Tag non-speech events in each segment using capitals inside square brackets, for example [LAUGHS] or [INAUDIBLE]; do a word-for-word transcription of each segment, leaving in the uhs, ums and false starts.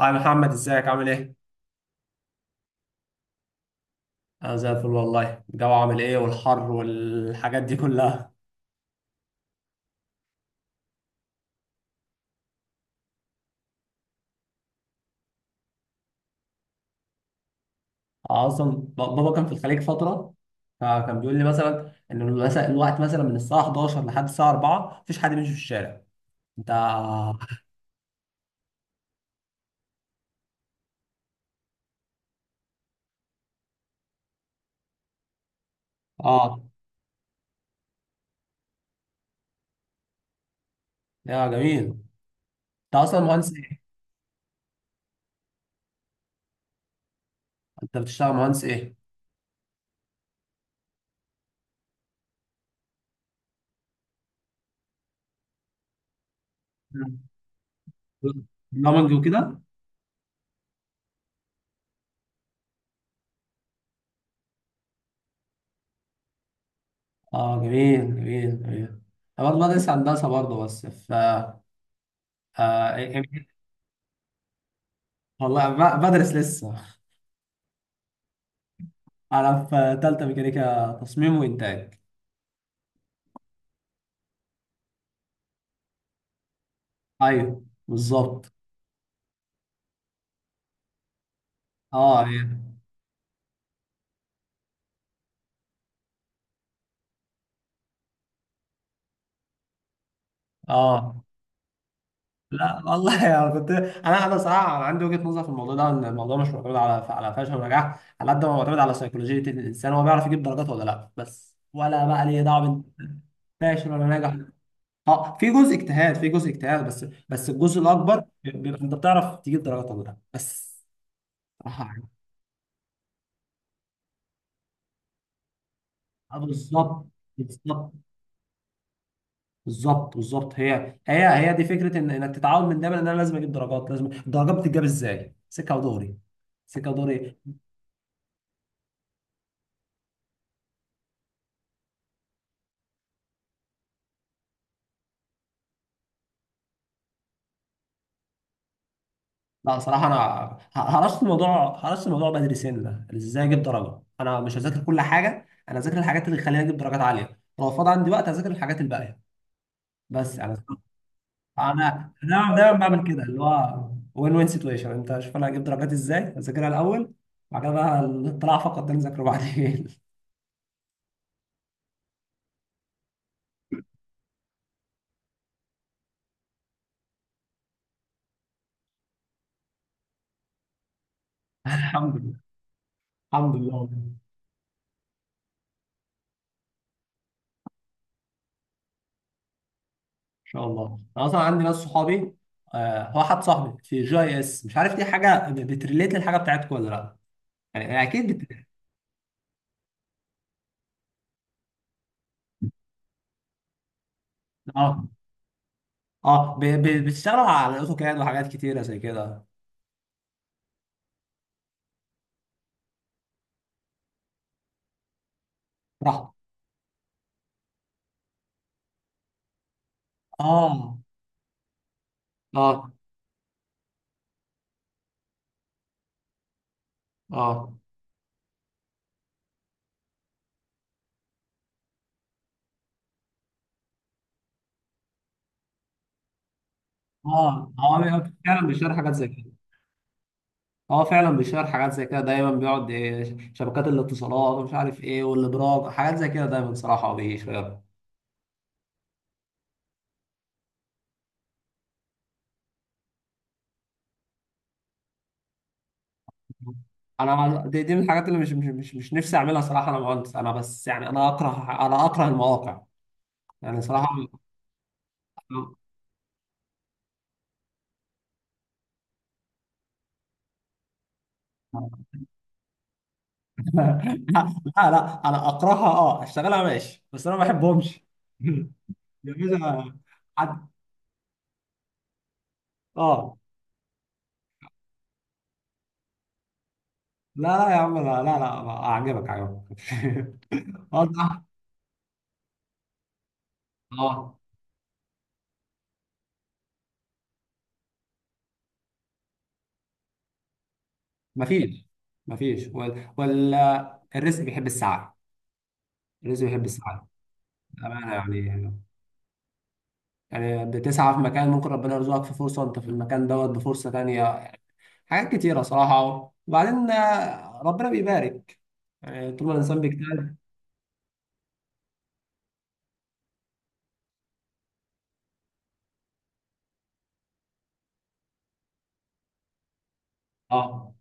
هاي محمد، ازيك عامل ايه؟ انا زي الفل والله. الجو عامل ايه والحر والحاجات دي كلها؟ اصلا ب- بابا كان في الخليج فترة، فكان بيقول لي مثلا ان المس- الوقت مثلا من الساعة احداشر لحد الساعة اربعة مفيش حد بيمشي في الشارع. انت. اه، يا جميل. انت اصلا مهندس ايه؟ انت بتشتغل مهندس ايه؟ مم. برامج وكده؟ اه، جميل جميل جميل. انا برضه بدرس هندسة برضه، بس ف آه... إيه- إيه- والله ب- بدرس لسه [LAUGHS] انا في تالتة ميكانيكا تصميم وانتاج. ايوه بالظبط. اه هي. اه. لا والله [LAUGHS] يعني كنت انا انا صراحه، أنا عندي وجهه نظر في الموضوع ده، ان الموضوع مش معتمد على على فشل ونجاح على قد ما معتمد على سيكولوجيه الانسان. هو بيعرف يجيب درجات ولا لا بس، ولا بقى ليه دعوه بإنت فاشل ولا ناجح. اه، في جزء اجتهاد، في جزء اجتهاد بس، بس الجزء الاكبر بيبقى انت بتعرف تجيب درجات ولا لا بس. صراحه يعني. آه، بالظبط بالظبط بالظبط بالظبط. هي هي هي دي فكره ان انك تتعود من دايما ان انا لازم اجيب درجات. لازم الدرجات بتتجاب ازاي؟ سكه ودوري، سكه ودوري. لا صراحه انا، ه- هرست الموضوع، هرست الموضوع بدري سنه. ازاي اجيب درجه؟ انا مش هذاكر كل حاجه، انا هذاكر الحاجات اللي تخليني اجيب درجات عاليه. لو فاضي عندي وقت هذاكر الحاجات الباقيه. بس انا انا انا دايما بعمل كده، اللي هو وين وين سيتويشن، انت شوف انا هجيب درجات ازاي؟ هذاكرها الاول، بعد كده بقى الطلع فقط ده نذاكره بعدين. [LAUGHS] الحمد لله. الحمد لله. شاء الله. انا اصلا عندي ناس صحابي، آه، هو حد صاحبي في جي اس، مش عارف دي حاجه ب- بتريليت للحاجه بتاعتكم ولا لا. يعني يعني اكيد بت... اه. اه، ب... ب... بتشتغلوا على الاوتوكاد وحاجات كتيره زي كده. صح. اه. اه. اه. اه هو فعلا بيشتغل حاجات زي كده. اه فعلا بيشتغل حاجات زي كده، دايما بيقعد إيه، شبكات الاتصالات ومش عارف ايه، والابراج، حاجات زي كده دايما صراحه بيشتغل. انا ما- دي, دي من الحاجات اللي مش مش مش, مش نفسي اعملها صراحه. انا مهندس، انا بس يعني، انا اكره انا اكره المواقع، يعني صراحه. [LAUGHS] لا لا لا، انا اكرهها. اه اشتغلها ماشي، بس انا ما بحبهمش. [LAUGHS] يا باشا. حد. اه. لا لا يا عم، لا لا لا. اعجبك اعجبك [LAUGHS] اه صح. اه. مفيش. مفيش وال... وال... الرزق بيحب السعي. الرزق بيحب السعي. بأمانة يعني. يعني بتسعى في مكان، ممكن ربنا يرزقك في فرصة، وانت في المكان دوت بفرصة تانية. حاجات كتيرة صراحة. وبعدين آه، ربنا بيبارك يعني طول ما الإنسان بيجتهد. اه،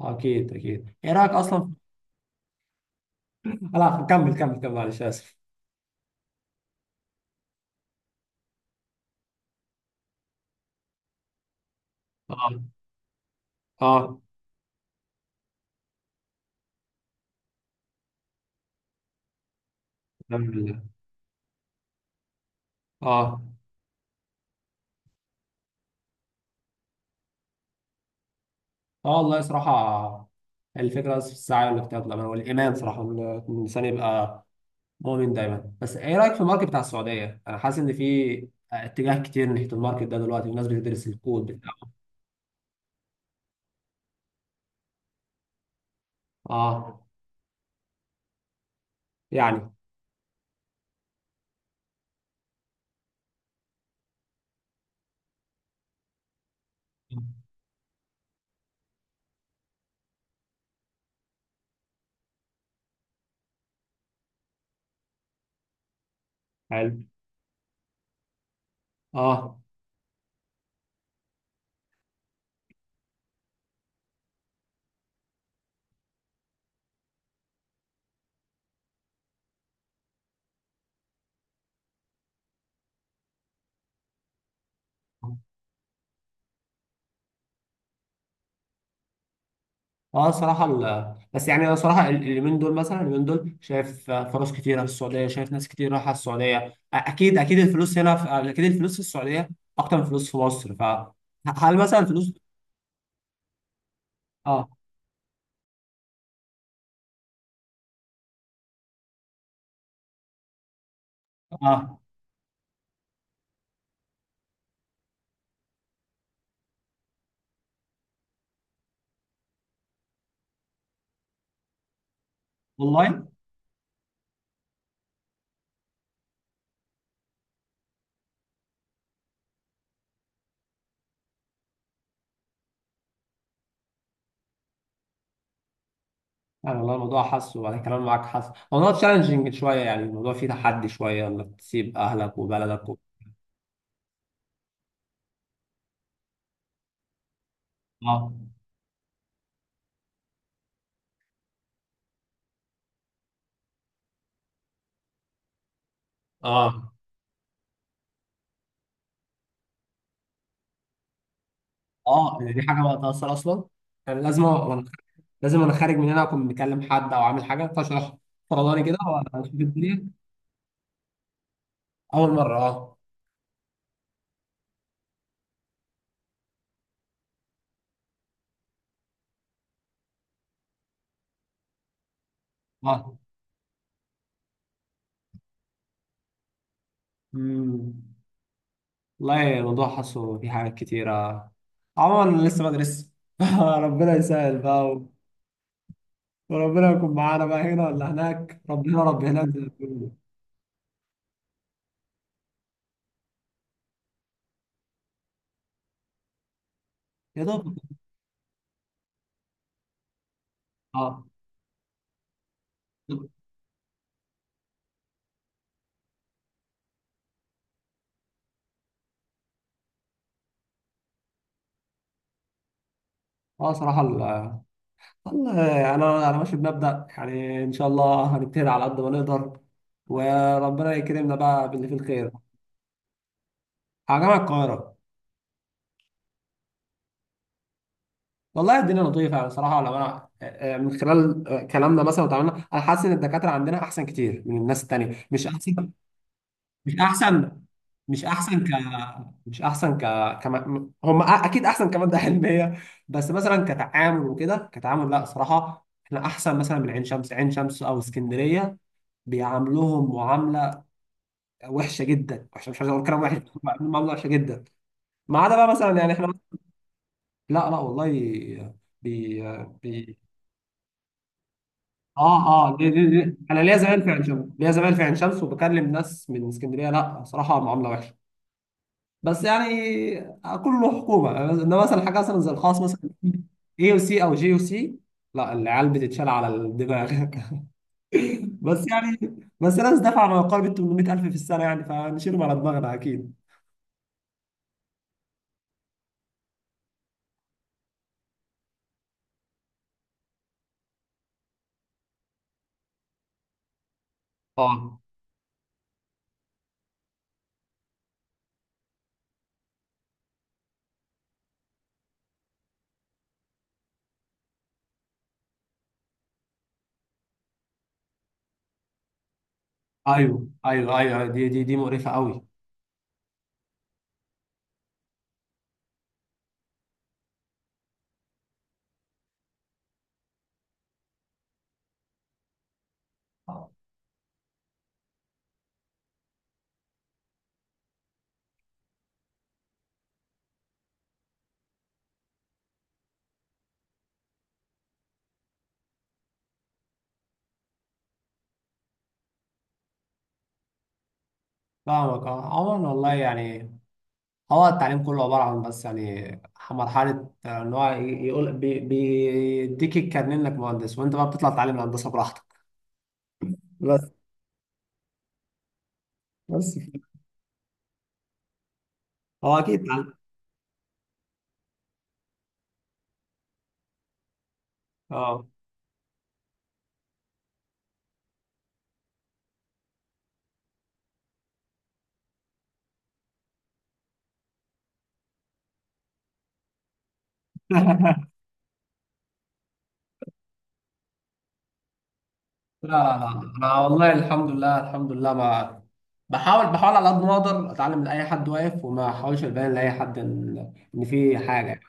أكيد أكيد. إيه رأيك أصلا؟ لا كمل كمل كمل، معلش آسف. اه. اه كمل. اه. اه والله صراحة، الفكرة بس في السعي والاجتهاد والأمل والإيمان صراحة، إن إن الإنسان يبقى مؤمن دايما. بس إيه رأيك في الماركت بتاع السعودية؟ أنا حاسس إن في اتجاه كتير ناحية الماركت ده دلوقتي، والناس بتدرس الكود. اه. يعني حلو. اه. اه صراحة ال... بس يعني انا صراحة ال- اليومين دول، مثلا اليومين دول شايف فرص كتيرة في السعودية، شايف ناس كتير رايحة السعودية. أ- اكيد اكيد الفلوس هنا في... اكيد الفلوس في السعودية اكتر من الفلوس في مصر. فهل مثلا الفلوس؟ اه. اه والله يعني، والله الموضوع حاسه، وانا كلام معاك حاسه موضوع تشالنجينج شوية. يعني الموضوع فيه تحدي شوية انك تسيب اهلك وبلدك و... اه. اه. اه، يعني دي حاجة بقى تأثر اصلا. يعني لازم، لازم انا خارج من هنا اكون مكلم حد او عامل حاجه فاشرح، فرضاني كده، واشوف الدنيا. اول مره، اه. اه. امم. والله الموضوع حاسه في حاجات كتيره. عموما انا لسه بدرس [LAUGHS] ربنا يسهل بقى و- وربنا يكون معانا بقى هنا ولا هناك. ربنا رب هناك زي ما بيقولوا. يا دوب. اه. اه صراحه ال- والله انا انا ماشي بمبدا، يعني ان شاء الله هنجتهد على قد ما نقدر، وربنا يكرمنا بقى باللي فيه الخير. على جامعه القاهره. والله الدنيا لطيفه يعني صراحه، لو انا آه، آه، من خلال آه، كلامنا مثلا وتعاملنا، انا حاسس ان الدكاتره عندنا احسن كتير من الناس التانيه. مش احسن. مش احسن. مش احسن ك، مش احسن ك، كما، هم أ- اكيد احسن كماده [LAUGHS] علميه. بس مثلا كتعامل وكده، كتعامل لا صراحه احنا احسن مثلا من عين شمس. عين شمس او اسكندريه بيعاملوهم معامله وحشه جدا. وحشه، مش عايز اقول كلام وحش، بيعاملوهم معامله وحشه جدا. ما عدا بقى مثلا يعني احنا. لا لا والله. بي... بي... اه اه. دي دي دي. انا ليا زمان في عين شمس، ليا زمان في عين شمس، وبكلم ناس من اسكندريه. لا صراحه معامله وحشه. بس يعني كله حكومه، انما مثلا حاجه مثلا زي الخاص مثلا، اي او سي او جي او سي، لا العيال بتتشال على الدماغ [LAUGHS] بس يعني بس ناس دفع ما يقارب ال ثمانمائة ألف في السنه، يعني فنشيلهم على دماغنا اكيد. اه. ايوه ايوه ايوه، دي دي دي مقرفه قوي. فاهمك اه. عموما والله يعني، هو التعليم كله عبارة عن، بس يعني مرحلة، آه، إن هو ي- يقول بي- بيديك الكارنيه إنك مهندس، وأنت بقى بتطلع تعلم الهندسة براحتك. بس. بس كده. هو أكيد تعلم. أه. [LAUGHS] لا لا لا، أنا والله الحمد لله، الحمد لله ما، بحاول بحاول على قد ما أقدر أتعلم من أي حد واقف، وما أحاولش أبين لأي حد إن إن في حاجة يعني.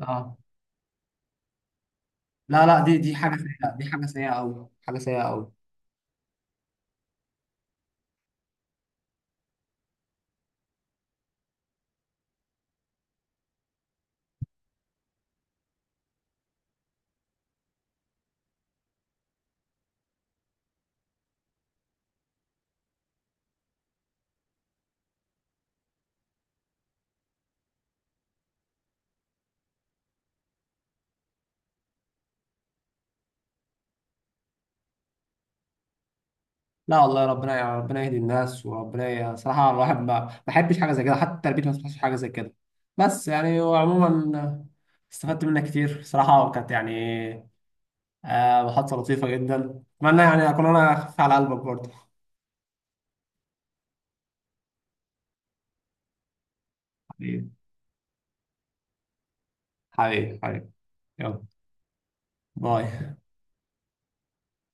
أه. لا لا، دي دي حاجة سيئة، دي حاجة سيئة أوي، حاجة سيئة أوي. لا والله ربنا، ربنا يهدي الناس. وربنا ي- صراحة الواحد ما ما بحبش حاجة زي كده، حتى تربيتي ما بتحبش حاجة زي كده. بس يعني وعموما، استفدت منك كتير صراحة، وكانت يعني آه، محادثة لطيفة جدا. أتمنى يعني أكون أنا خفيف على قلبك برضه. حبيبي، حبيبي حبيبي. يلا. باي.